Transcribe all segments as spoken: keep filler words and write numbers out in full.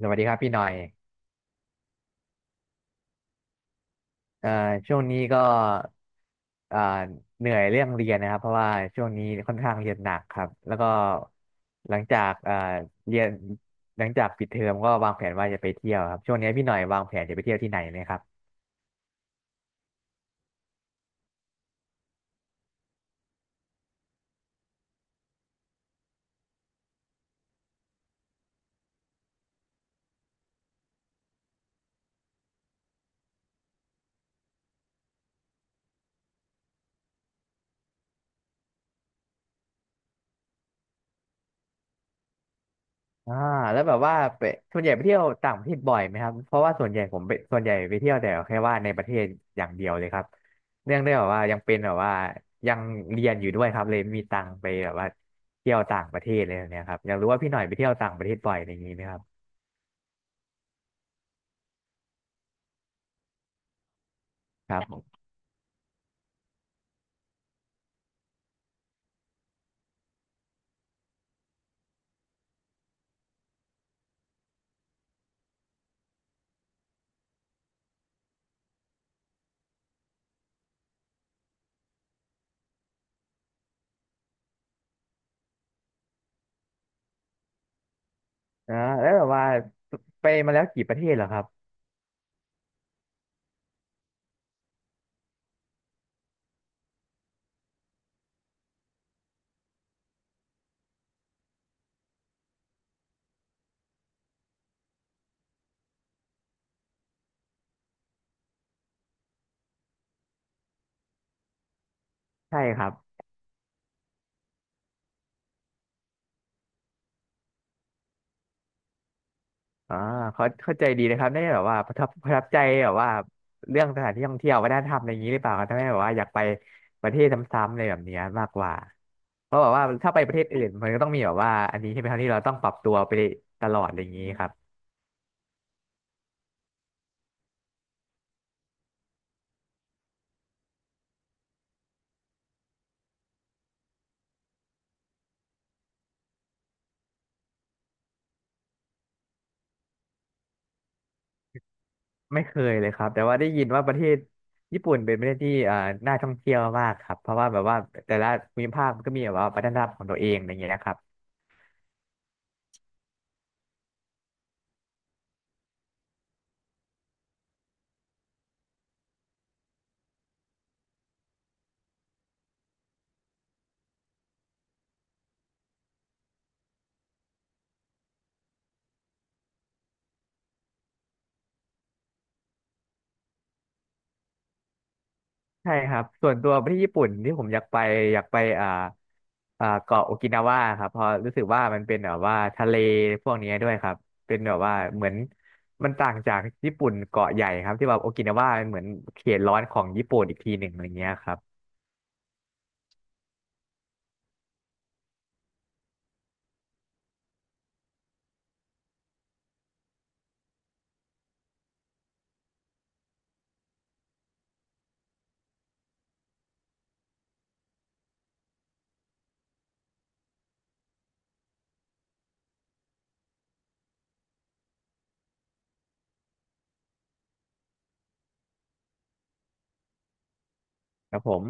สวัสดีครับพี่หน่อยเอ่อช่วงนี้ก็เอ่อเหนื่อยเรื่องเรียนนะครับเพราะว่าช่วงนี้ค่อนข้างเรียนหนักครับแล้วก็หลังจากเอ่อเรียนหลังจากปิดเทอมก็วางแผนว่าจะไปเที่ยวครับช่วงนี้พี่หน่อยวางแผนจะไปเที่ยวที่ไหนไหมครับ อ่าแล้วแบบว่าไปส่วนใหญ่ไปเที่ยวต่างประเทศบ่อยไหมครับเพราะว่าส่วนใหญ่ผมไปส่วนใหญ่ไปเที่ยวแต่แค่ว่าในประเทศอย่างเดียวเลยครับเนื่องได้วแบบว่ายังเป็นแบบว่ายังเรียนอยู่ด้วยครับเลยไม่มีตังค์ไปแบบว่าเที่ยวต่างประเทศอลยแบบเนี้ยครับอยากรู้ว่าพี่หน่อยไปเที่ยวต่างประเทศบ่อยอะไรอย่างนี้ไหมครับครับผมอ่าแล้วแบบว่าไปมาแล้วกี่ประเทศเหรอครับใช่ครับ อ่าเขาเข้าใจดีนะครับได้แบบว่าประทับประทับใจแบบว่าเรื่องสถานที่ท่องเที่ยววัฒนธรรมอะไรอย่างนี้หรือเปล่าครับทำให้แบบว่าอยากไปประเทศซ้ำๆอะไรแบบเนี้ยมากกว่าเพราะแบบว่าถ้าไปประเทศอื่นมันก็ต้องมีแบบว่าอันนี้ใช่ไหมครับที่เราต้องปรับตัวไปตลอดอะไรอย่างนี้ครับไม่เคยเลยครับแต่ว่าได้ยินว่าประเทศญี่ปุ่นเป็นประเทศที่เอ่อน่าท่องเที่ยวมากครับเพราะว่าแบบว่าแต่ละภูมิภาคมันก็มีแบบว่าวัฒนธรรมของตัวเองอะไรอย่างเงี้ยนะครับ ใช่ครับส่วนตัวไปที่ญี่ปุ่นที่ผมอยากไปอยากไปอ่าอ่าเกาะโอกินาวาครับเพราะรู้สึกว่ามันเป็นแบบว่าทะเลพวกนี้ด้วยครับเป็นแบบว่าเหมือนมันต่างจากญี่ปุ่นเกาะใหญ่ครับที่แบบโอกินาวามันเหมือนเขตร้อนของญี่ปุ่นอีกทีหนึ่งอะไรเงี้ยครับครับผม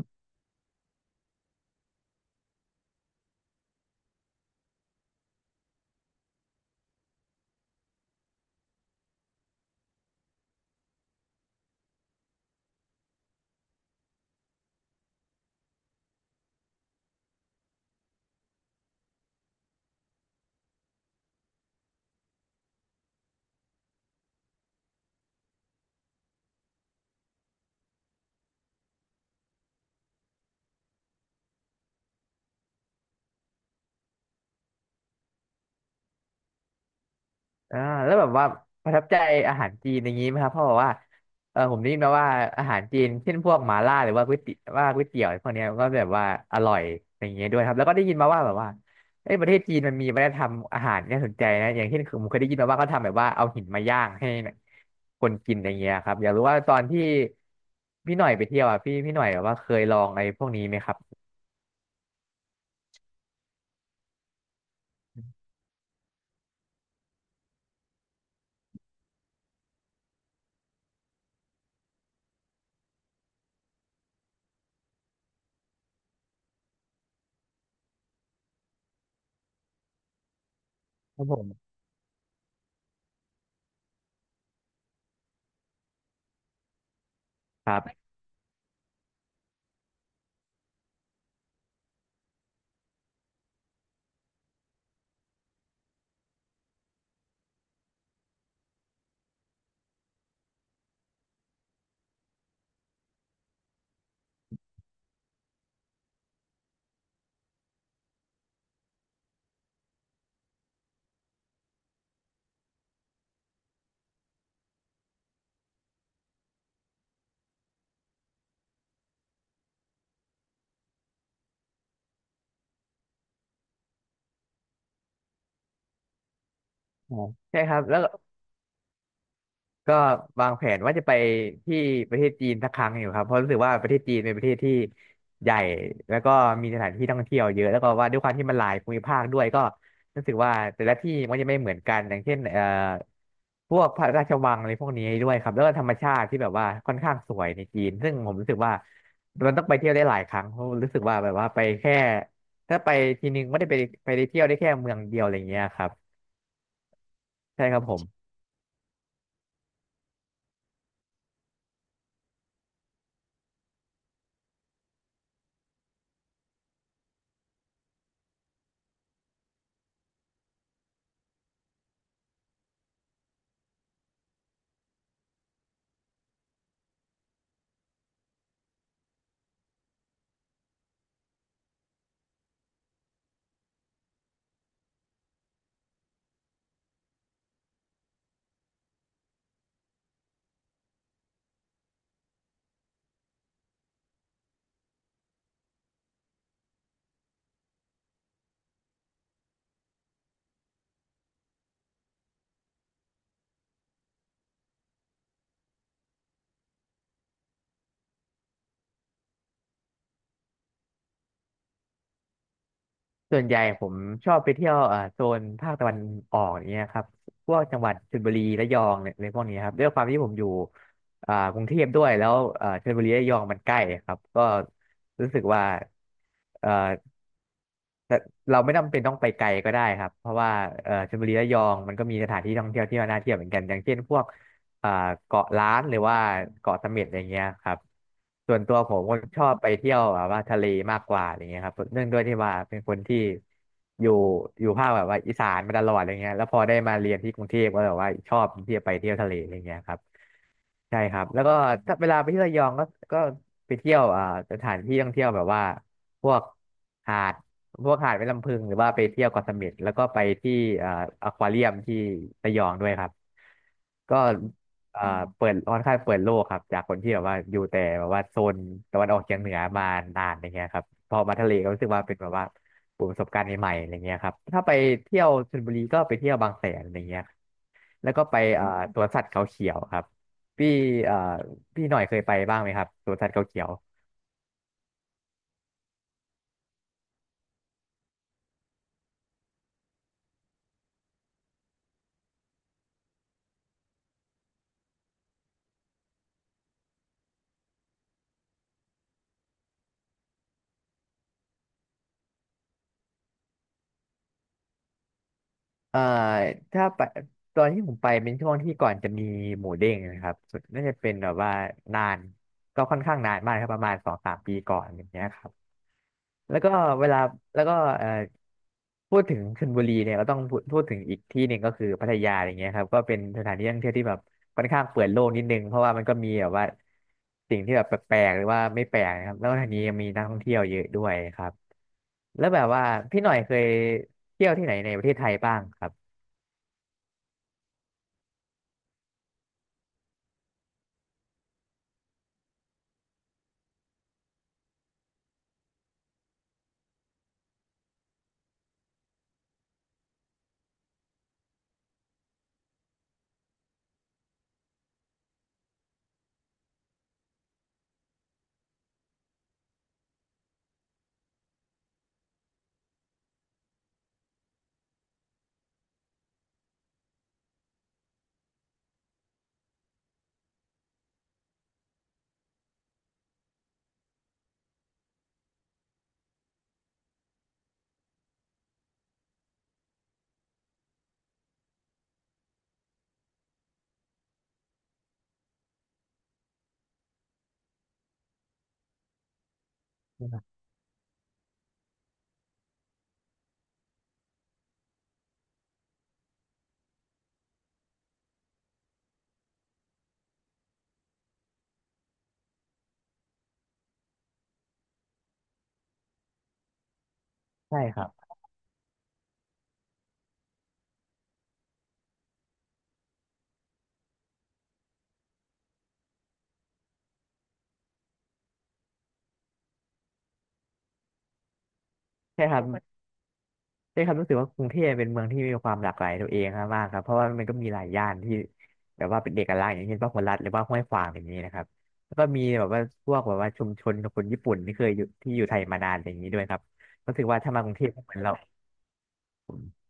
อ่าแล้วแบบว่าประทับใจอาหารจีนอย่างนี้ไหมครับเพราะแบบว่าเออผมได้ยินมาว่าอาหารจีนเช่นพวกหม่าล่าหรือว่าก๋วยเตี๋ยวว่าก๋วยเตี๋ยวพวกเนี้ยก็แบบว่าอร่อยอย่างเงี้ยด้วยครับแล้วก็ได้ยินมาว่าแบบว่าเอ้ยประเทศจีนมันมีวัฒนธรรมอาหารที่น่าสนใจนะอย่างเช่นคือผมเคยได้ยินมาว่าเขาทำแบบว่าเอาหินมาย่างให้คนกินอย่างเงี้ยครับอยากรู้ว่าตอนที่พี่หน่อยไปเที่ยวอ่ะพี่พี่หน่อยแบบว่าเคยลองอะไรพวกนี้ไหมครับครับผมครับอ๋อใช่ครับแล้ว ก็วางแผนว่าจะไปที่ประเทศจีนสักครั้งอยู่ครับเพราะรู้สึกว่าประเทศจีนเป็นประเทศที่ใหญ่แล้วก็มีสถานที่ท่องเที่ยวเยอะแล้วก็ว่าด้วยความที่มันหลายภูมิภาคด้วยก็รู้สึกว่าแต่ละที่มันจะไม่เหมือนกันอย่างเช่นเอ่อพวกพระราชวังอะไรพวกนี้ด้วยครับแล้วก็ธรรมชาติที่แบบว่าค่อนข้างสวยในจีนซึ่งผมรู้สึกว่ามันต้องไปเที่ยวได้หลายครั้งเพราะรู้สึกว่าแบบว่าไปแค่ถ้าไปทีนึงไม่ได้ไปไปได้เที่ยวได้แค่เมืองเดียวอะไรอย่างเงี้ยครับใช่ครับผม ส่วนใหญ่ผมชอบไปเที่ยวเอ่อโซนภาคตะวันออกอย่างเงี้ยครับพวกจังหวัดชลบุรีระยองเนี่ยในพวกนี้ครับด้วยความที่ผมอยู่อ่ากรุงเทพด้วยแล้วเอ่อชลบุรีระยองมันใกล้ครับก็รู้สึกว่าเอ่อ แต่เราไม่จำเป็นต้องไปไกลก็ได้ครับเพราะว่าเอ่อชลบุรีระยองมันก็มีสถานที่ท่องเที่ยวที่น่าเที่ยวเหมือนกันอย่างเช่นพวกเอ่อเกาะล้านหรือว่าเกาะเสม็ดอย่างเงี้ยครับส่วนตัวผมก็ชอบไปเที่ยวแบบว่าทะเลมากกว่าอย่างเงี้ยครับเนื่องด้วยที่ว่าเป็นคนที่อยู่อยู่ภาคแบบว่าอีสานมาตลอดอะไรเงี้ยแล้วพอได้มาเรียนที่กรุงเทพก็แบบว่าชอบที่จะไปเที่ยวทะเลอะไรเงี้ยครับ ใช่ครับแล้วก็ถ้าเวลาไปที่ระยองก็ก็ไปเที่ยวอ่าสถานที่ท่องเที่ยวแบบว่าพวกหาดพวกหาดแม่ลำพึงหรือว่าไปเที่ยวเกาะเสม็ดแล้วก็ไปที่อ่าอควาเรียมที่ระยองด้วยครับก็อ่าเปิดค่อนข้างเปิดโลกครับจากคนที่แบบว่าอยู่แต่แบบว่าโซนตะวันออกเฉียงเหนือมานานอย่างเงี้ยครับพอมาทะเลก็รู้สึกว่าเป็นแบบว่าประสบการณ์ใหม่ๆอะไรเงี้ยครับถ้าไปเที่ยวชลบุรีก็ไปเที่ยวบางแสนอะไรเงี้ย แล้วก็ไปเอ่อสวนสัตว์เขาเขียวครับพี่เอ่อพี่หน่อยเคยไปบ้างไหมครับสวนสัตว์เขาเขียวเอ่อถ้าไปตอนที่ผมไปเป็นช่วงที่ก่อนจะมีหมูเด้งนะครับสุดน่าจะเป็นแบบว่านานก็ค่อนข้างนานมากครับประมาณสองสามปีก่อนอย่างเงี้ยครับ แล้วก็เวลาแล้วก็เอ่อพูดถึงชลบุรีเนี่ยก็ต้องพูดพูดถึงอีกที่หนึ่งก็คือพัทยาอย่างเงี้ยครับก็เป็นสถานที่ท่องเที่ยวที่แบบค่อนข้างเปิดโลกนิดนึงเพราะว่ามันก็มีแบบว่าสิ่งที่แบบแปลกๆหรือว่าไม่แปลกนะครับแล้วก็ทางนี้ยังมีนักท่องเที่ยวเยอะด้วยครับแล้วแบบว่าพี่หน่อยเคยเที่ยวที่ไหนในประเทศไทยบ้างครับใช่ครับใช่ครับ ใช่ครับรู้สึกว่ากรุงเทพเป็นเมืองที่มีความหลากหลายตัวเองมากครับเพราะว่ามันก็มีหลายย่านที่แบบว่าเป็นเอกลักษณ์อย่างเช่นพหลรัฐหรือว่าห้วยขวางอย่างนี้นะครับแล้วก็มีแบบว่าพวกแบบว่าชุมชนคนญี่ปุ่นที่เคยอยู่ที่อยู่ไทยมานานอย่างนี้ด้วยครับรู้สึกว่าถ้ามากรุงเทพก็เหมือนเราผม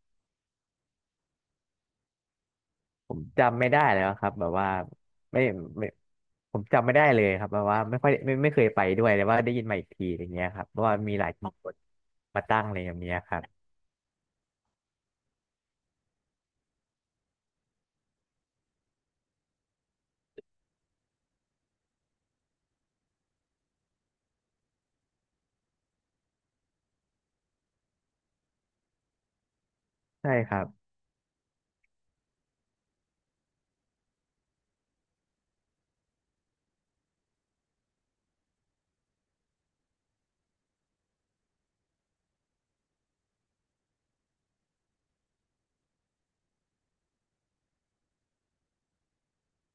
ผมจำไม่ได้แล้วครับแบบว่าไม่ไม่ผมจำไม่ได้เลยครับแบบว่าไม่ค่อยไม่ไม่เคยไปด้วยแต่ว่าได้ยินมาอีกทีอย่างเงี้ยครับเพราะว่ามีหลายชุมชนมาตั้งเลยอย่างเงี้ยครับใช่ครับ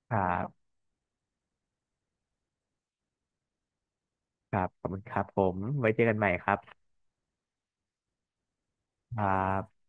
ครับครับขอบคุณครับผมไว้เจอกันใหม่ครับ ครับ